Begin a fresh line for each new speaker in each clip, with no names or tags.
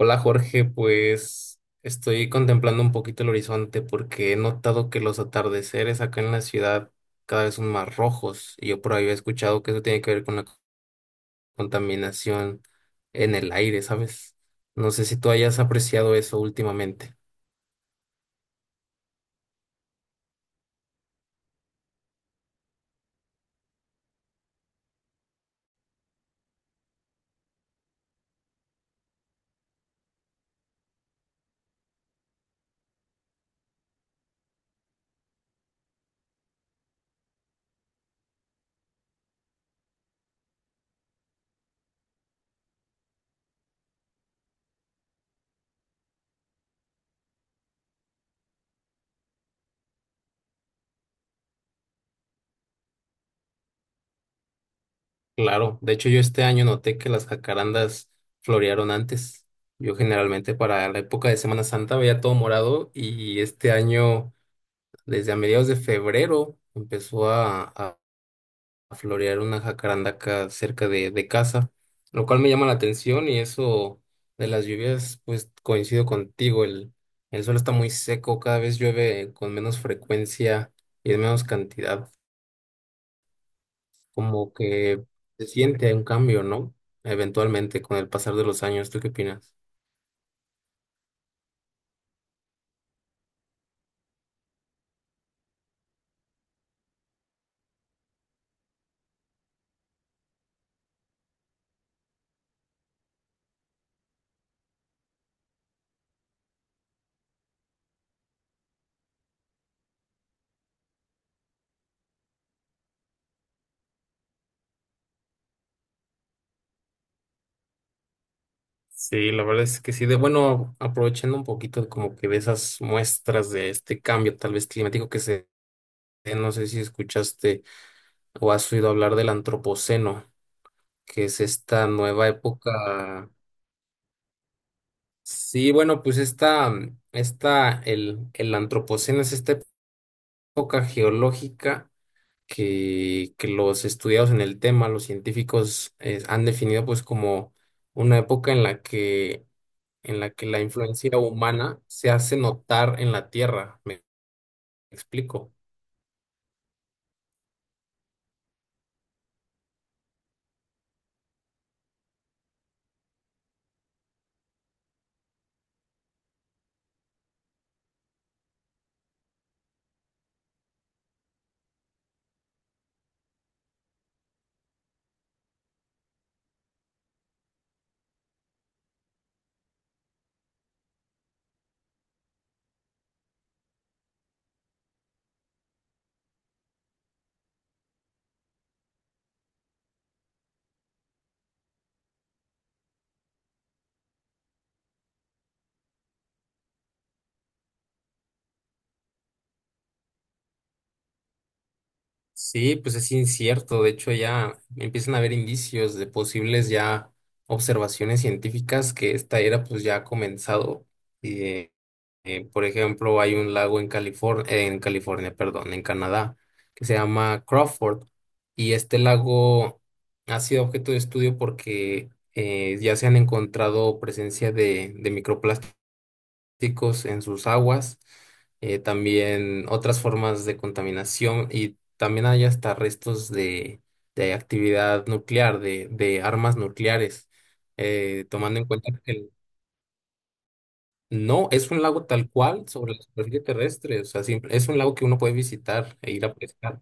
Hola Jorge, pues estoy contemplando un poquito el horizonte porque he notado que los atardeceres acá en la ciudad cada vez son más rojos y yo por ahí he escuchado que eso tiene que ver con la contaminación en el aire, ¿sabes? No sé si tú hayas apreciado eso últimamente. Claro, de hecho yo este año noté que las jacarandas florearon antes. Yo generalmente para la época de Semana Santa veía todo morado y este año desde a mediados de febrero empezó a florear una jacaranda acá cerca de casa, lo cual me llama la atención. Y eso de las lluvias, pues coincido contigo, el suelo está muy seco, cada vez llueve con menos frecuencia y en menos cantidad, como que se siente un cambio, ¿no? Eventualmente, con el pasar de los años, ¿tú qué opinas? Sí, la verdad es que sí, de bueno, aprovechando un poquito como que de esas muestras de este cambio tal vez climático que se, no sé si escuchaste o has oído hablar del antropoceno, que es esta nueva época. Sí, bueno, pues el antropoceno es esta época geológica que los estudiados en el tema, los científicos, han definido pues como una época en la que la influencia humana se hace notar en la Tierra. ¿Me explico? Sí, pues es incierto. De hecho, ya empiezan a haber indicios de posibles ya observaciones científicas que esta era pues ya ha comenzado. Eh, por ejemplo, hay un lago en California, perdón, en Canadá, que se llama Crawford. Y este lago ha sido objeto de estudio porque ya se han encontrado presencia de microplásticos plásticos en sus aguas, también otras formas de contaminación, y también hay hasta restos de actividad nuclear, de armas nucleares, tomando en cuenta que el- no es un lago tal cual sobre la superficie terrestre, o sea, simple- es un lago que uno puede visitar e ir a pescar,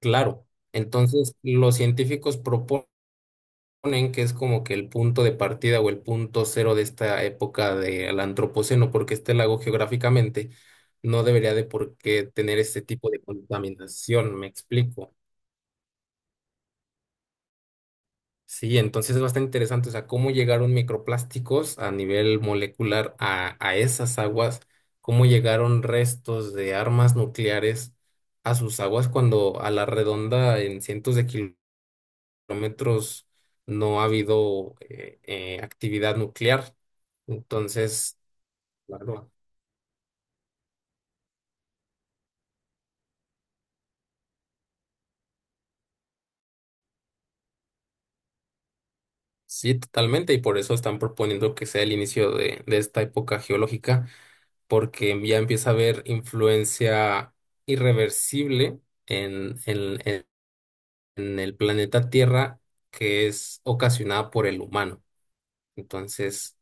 claro. Entonces, los científicos proponen ponen que es como que el punto de partida o el punto cero de esta época del antropoceno, porque este lago geográficamente no debería de por qué tener este tipo de contaminación, me explico. Sí, entonces es bastante interesante, o sea, cómo llegaron microplásticos a nivel molecular a esas aguas, cómo llegaron restos de armas nucleares a sus aguas cuando a la redonda en cientos de kilómetros no ha habido actividad nuclear. Entonces, claro, sí, totalmente, y por eso están proponiendo que sea el inicio de esta época geológica, porque ya empieza a haber influencia irreversible en, en, en- en el planeta Tierra, que es ocasionada por el humano. Entonces,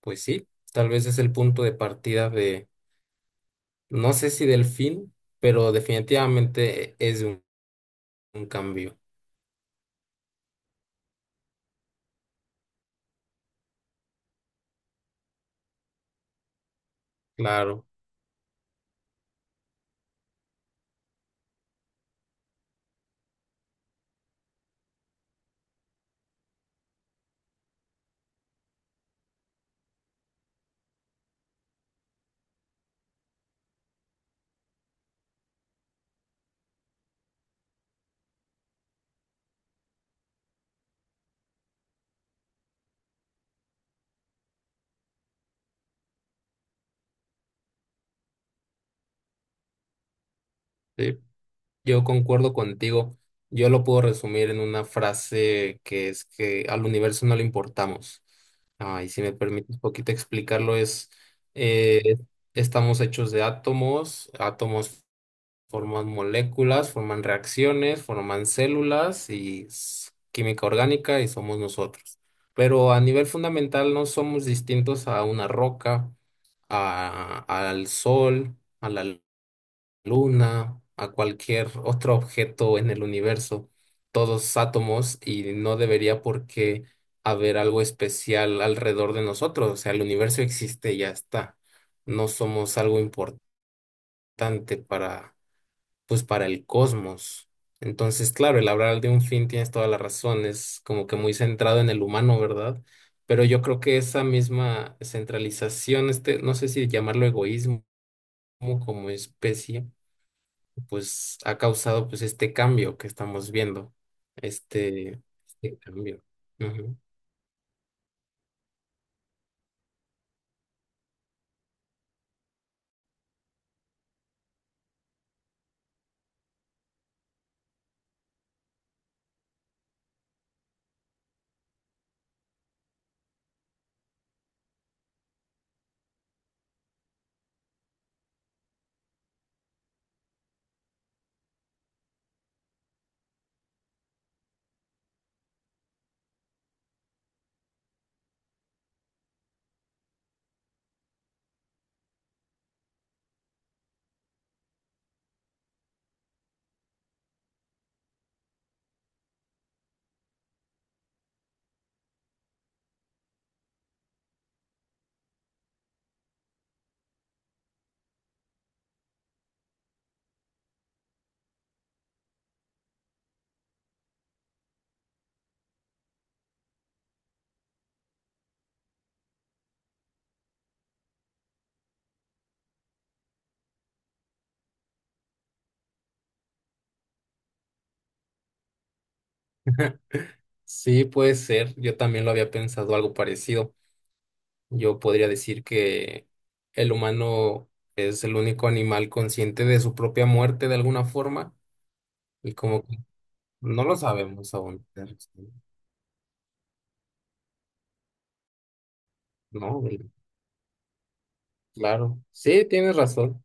pues sí, tal vez es el punto de partida de, no sé si del fin, pero definitivamente es un cambio, claro. Sí, yo concuerdo contigo. Yo lo puedo resumir en una frase que es que al universo no le importamos. Ah, y si me permites un poquito explicarlo, es eh, estamos hechos de átomos, átomos forman moléculas, forman reacciones, forman células y s- química orgánica y somos nosotros. Pero a nivel fundamental no somos distintos a una roca, a- al sol, a la luna, a cualquier otro objeto en el universo, todos átomos, y no debería por qué haber algo especial alrededor de nosotros. O sea, el universo existe y ya está. No somos algo importante para, pues, para el cosmos. Entonces, claro, el hablar de un fin, tienes toda la razón, es como que muy centrado en el humano, ¿verdad? Pero yo creo que esa misma centralización, este, no sé si llamarlo egoísmo como especie, pues ha causado pues este cambio que estamos viendo, este, este cambio. Ujú. Sí, puede ser, yo también lo había pensado algo parecido. Yo podría decir que el humano es el único animal consciente de su propia muerte de alguna forma, y como que no lo sabemos aún. Sí, no, y- claro, sí, tienes razón,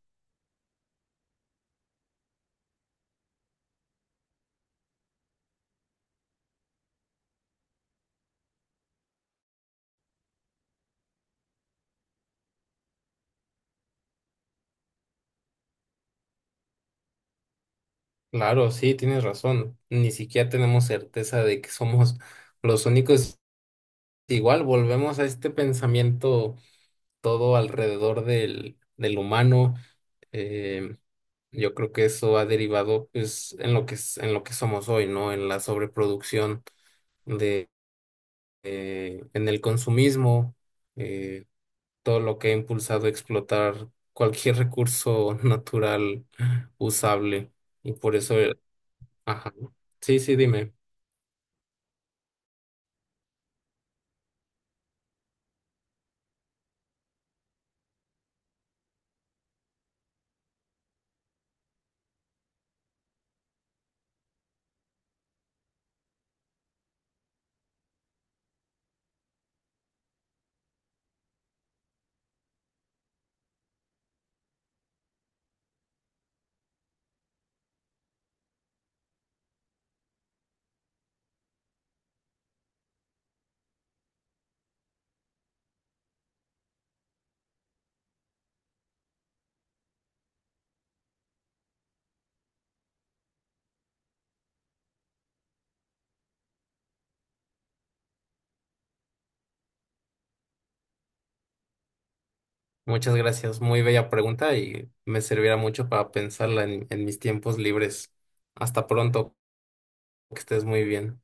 claro, sí, tienes razón. Ni siquiera tenemos certeza de que somos los únicos. Igual volvemos a este pensamiento todo alrededor del humano. eh, yo creo que eso ha derivado pues, en lo que, es- en lo que somos hoy, ¿no? En la sobreproducción de, en el consumismo, eh, todo lo que ha impulsado a explotar cualquier recurso natural usable. Y por eso, ajá. Sí, sí, dime. Muchas gracias. Muy bella pregunta y me servirá mucho para pensarla en mis tiempos libres. Hasta pronto, que estés muy bien.